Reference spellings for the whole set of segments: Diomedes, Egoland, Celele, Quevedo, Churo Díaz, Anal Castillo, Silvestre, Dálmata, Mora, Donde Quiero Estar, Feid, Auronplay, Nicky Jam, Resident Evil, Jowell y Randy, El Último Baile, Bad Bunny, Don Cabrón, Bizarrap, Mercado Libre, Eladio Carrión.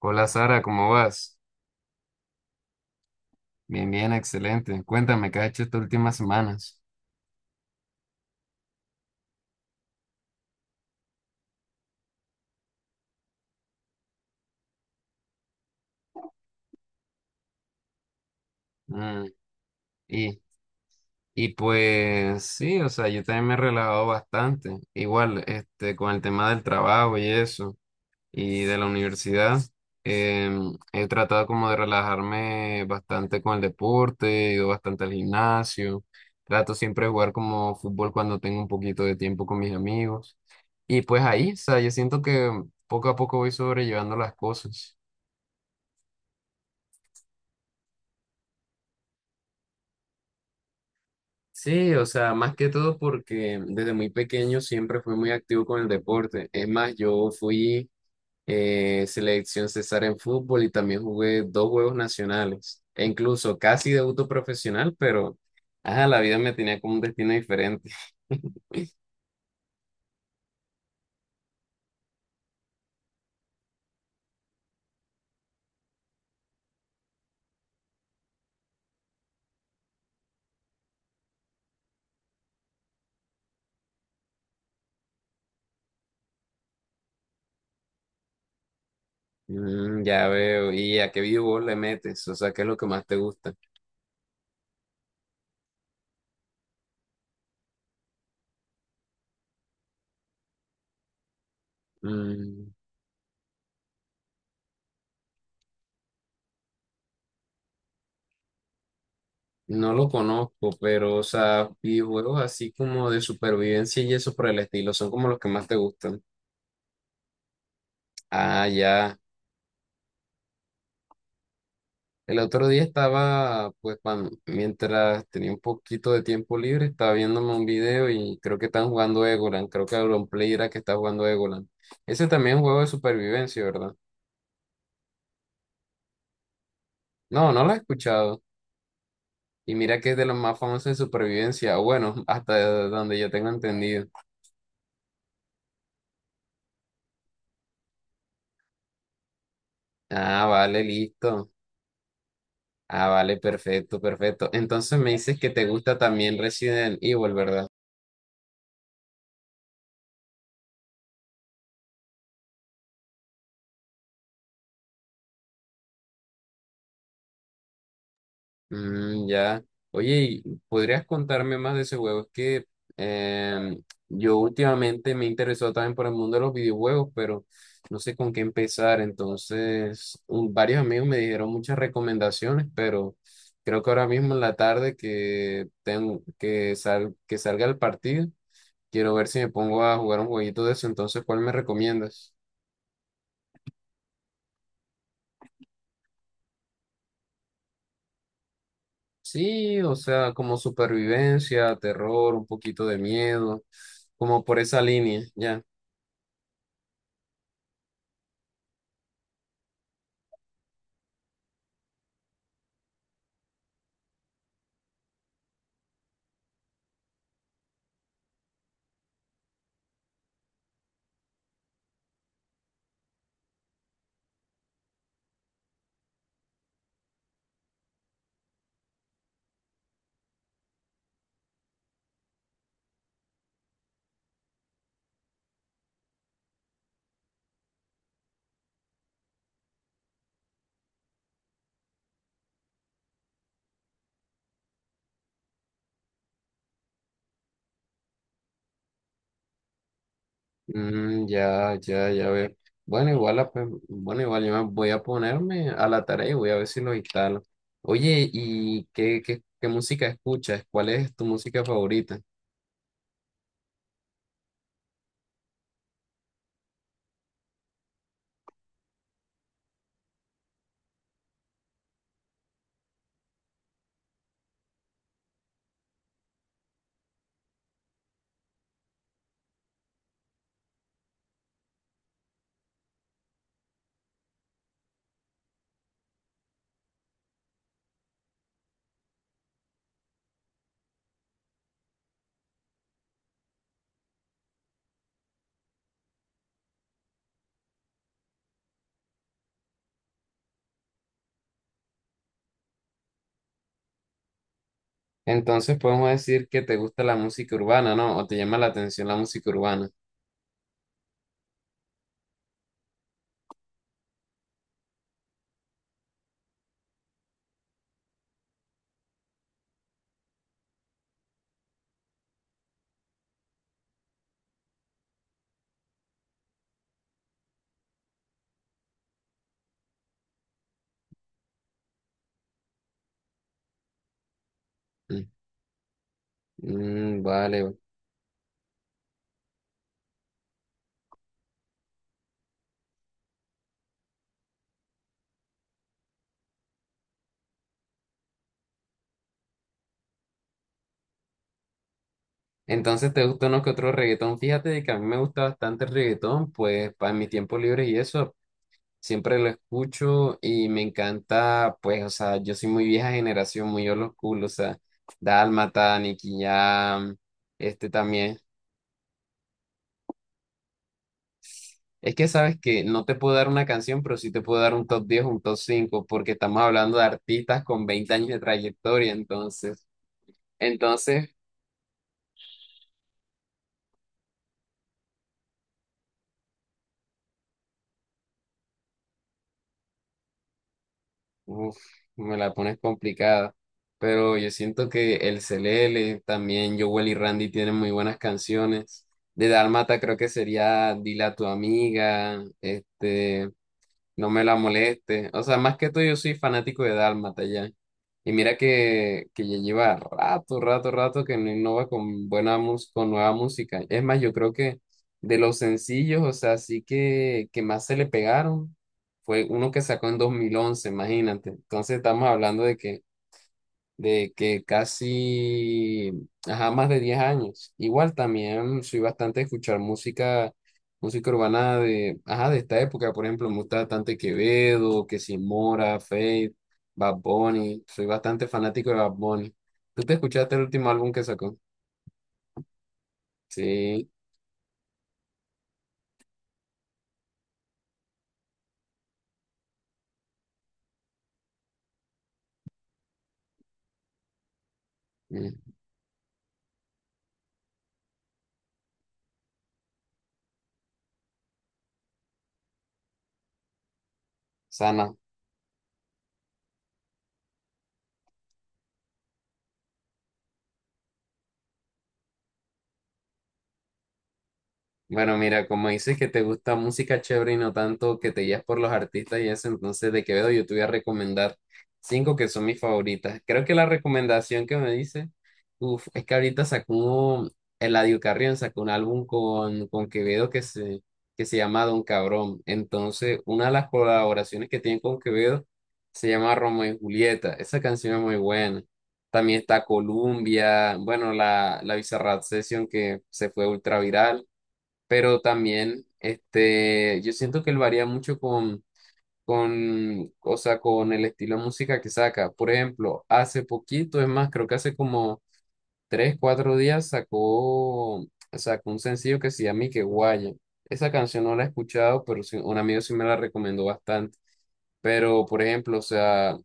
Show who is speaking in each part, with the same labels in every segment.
Speaker 1: Hola Sara, ¿cómo vas? Bien, bien, excelente. Cuéntame, ¿qué has hecho estas últimas semanas? Mm. Y, y pues sí, o sea, yo también me he relajado bastante. Igual, este, con el tema del trabajo y eso, y de la universidad, he tratado como de relajarme bastante con el deporte, he ido bastante al gimnasio, trato siempre de jugar como fútbol cuando tengo un poquito de tiempo con mis amigos. Y pues ahí, o sea, yo siento que poco a poco voy sobrellevando las cosas. Sí, o sea, más que todo porque desde muy pequeño siempre fui muy activo con el deporte. Es más, yo fui selección César en fútbol y también jugué dos juegos nacionales. E incluso casi debuto profesional, pero ajá, la vida me tenía como un destino diferente. Ya veo. ¿Y a qué videojuego le metes? O sea, ¿qué es lo que más te gusta? Mm, no lo conozco, pero, o sea, videojuegos así como de supervivencia y eso por el estilo, son como los que más te gustan. Ah, ya. El otro día estaba, pues, mientras tenía un poquito de tiempo libre, estaba viéndome un video y creo que están jugando Egoland. Creo que Auronplay era que está jugando Egoland. Ese también es un juego de supervivencia, ¿verdad? No, no lo he escuchado. Y mira que es de los más famosos de supervivencia. O Bueno, hasta donde yo tengo entendido. Ah, vale, listo. Ah, vale, perfecto, perfecto. Entonces me dices que te gusta también Resident Evil, ¿verdad? Mm, ya. Oye, ¿Podrías contarme más de ese juego? Es que em, yo últimamente me he interesado también por el mundo de los videojuegos, pero no sé con qué empezar. Entonces, varios amigos me dijeron muchas recomendaciones, pero creo que ahora mismo en la tarde que tengo que salga el partido, quiero ver si me pongo a jugar un jueguito de eso. Entonces, ¿cuál me recomiendas? Sí, o sea, como supervivencia, terror, un poquito de miedo, como por esa línea, ya. Mm, ya, ya, ya veo. Bueno, igual, yo me voy a ponerme a la tarea y voy a ver si lo instalo. Oye, ¿y qué música escuchas? ¿Cuál es tu música favorita? Entonces podemos decir que te gusta la música urbana, ¿no? ¿O te llama la atención la música urbana? Mm, mm, vale. Entonces, ¿te gusta uno que otro reggaetón? Fíjate de que a mí me gusta bastante el reggaetón, pues para mi tiempo libre y eso, siempre lo escucho y me encanta, pues, o sea, yo soy muy vieja generación, muy old school, o sea, Dálmata, Nicky Jam, este también. Es que sabes que no te puedo dar una canción, pero sí te puedo dar un top 10, un top 5 porque estamos hablando de artistas con 20 años de trayectoria, entonces. Entonces, uf, me la pones complicada. Pero yo siento que el Celele, también Jowell y Randy tienen muy buenas canciones. De Dálmata creo que sería Dile a tu amiga, este, no me la moleste. O sea, más que todo yo soy fanático de Dálmata ya. Y mira que ya lleva rato, rato, rato que no innova con nueva música. Es más, yo creo que de los sencillos, o sea, sí que más se le pegaron fue uno que sacó en 2011, imagínate. Entonces estamos hablando de que casi, ajá, más de 10 años. Igual también soy bastante a escuchar música urbana de, ajá, de esta época, por ejemplo, me gusta bastante Quevedo, que si Mora, Feid, Bad Bunny, soy bastante fanático de Bad Bunny. ¿Tú te escuchaste el último álbum que sacó? Sí. Mm. Sana. Bueno, mira, como dices que te gusta música chévere y no tanto que te guías por los artistas y eso, entonces de Quevedo yo te voy a recomendar cinco que son mis favoritas. Creo que la recomendación que me dice, uf, es que ahorita sacó un, Eladio Carrión sacó un álbum con Quevedo que se llama Don Cabrón. Entonces, una de las colaboraciones que tiene con Quevedo se llama Romeo y Julieta. Esa canción es muy buena. También está Columbia, bueno, la Bizarrap Session que se fue ultra viral, pero también este, yo siento que él varía mucho o sea, con el estilo de música que saca. Por ejemplo, hace poquito, es más, creo que hace como 3, 4 días sacó un sencillo que se llama Que Guaya. Esa canción no la he escuchado, pero un amigo sí me la recomendó bastante. Pero, por ejemplo, o sea,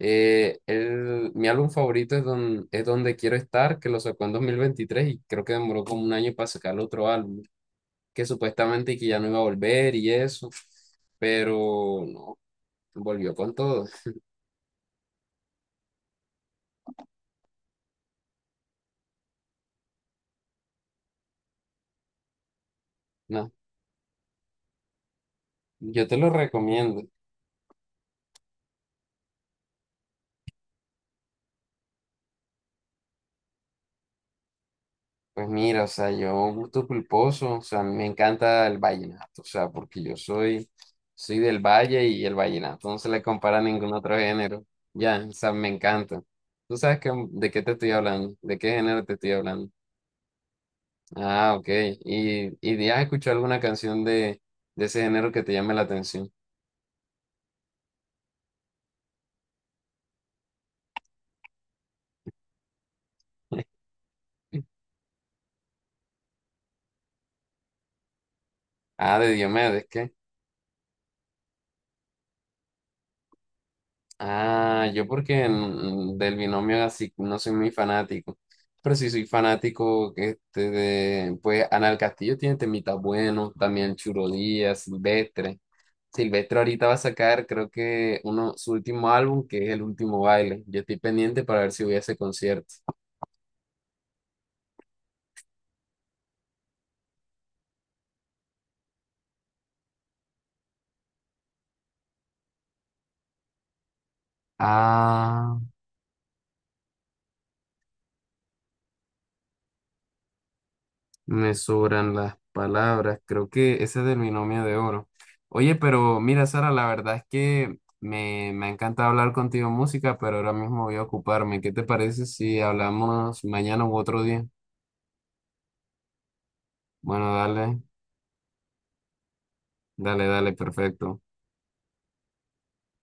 Speaker 1: mi álbum favorito es Donde Quiero Estar, que lo sacó en 2023 y creo que demoró como un año para sacar el otro álbum que supuestamente que ya no iba a volver y eso, pero no, volvió con todo. No, yo te lo recomiendo. Pues mira, o sea, yo gusto culposo, o sea, a mí me encanta el vallenato, o sea, porque yo soy del valle y el vallenato no se le compara a ningún otro género. Ya, o sea, me encanta. ¿Tú sabes de qué te estoy hablando? ¿De qué género te estoy hablando? Ah, ok. ¿Y has escuchado alguna canción de ese género que te llame la atención? Ah, de Diomedes, ¿qué? Ah, yo porque del binomio así no soy muy fanático, pero sí soy fanático este de, pues Anal Castillo tiene temitas buenos, también Churo Díaz, Silvestre. Silvestre ahorita va a sacar creo que su último álbum que es El Último Baile. Yo estoy pendiente para ver si voy a ese concierto. Ah. Me sobran las palabras, creo que ese es del binomio de oro. Oye, pero mira, Sara, la verdad es que me ha encantado hablar contigo en música, pero ahora mismo voy a ocuparme. ¿Qué te parece si hablamos mañana u otro día? Bueno, dale, dale, dale, perfecto.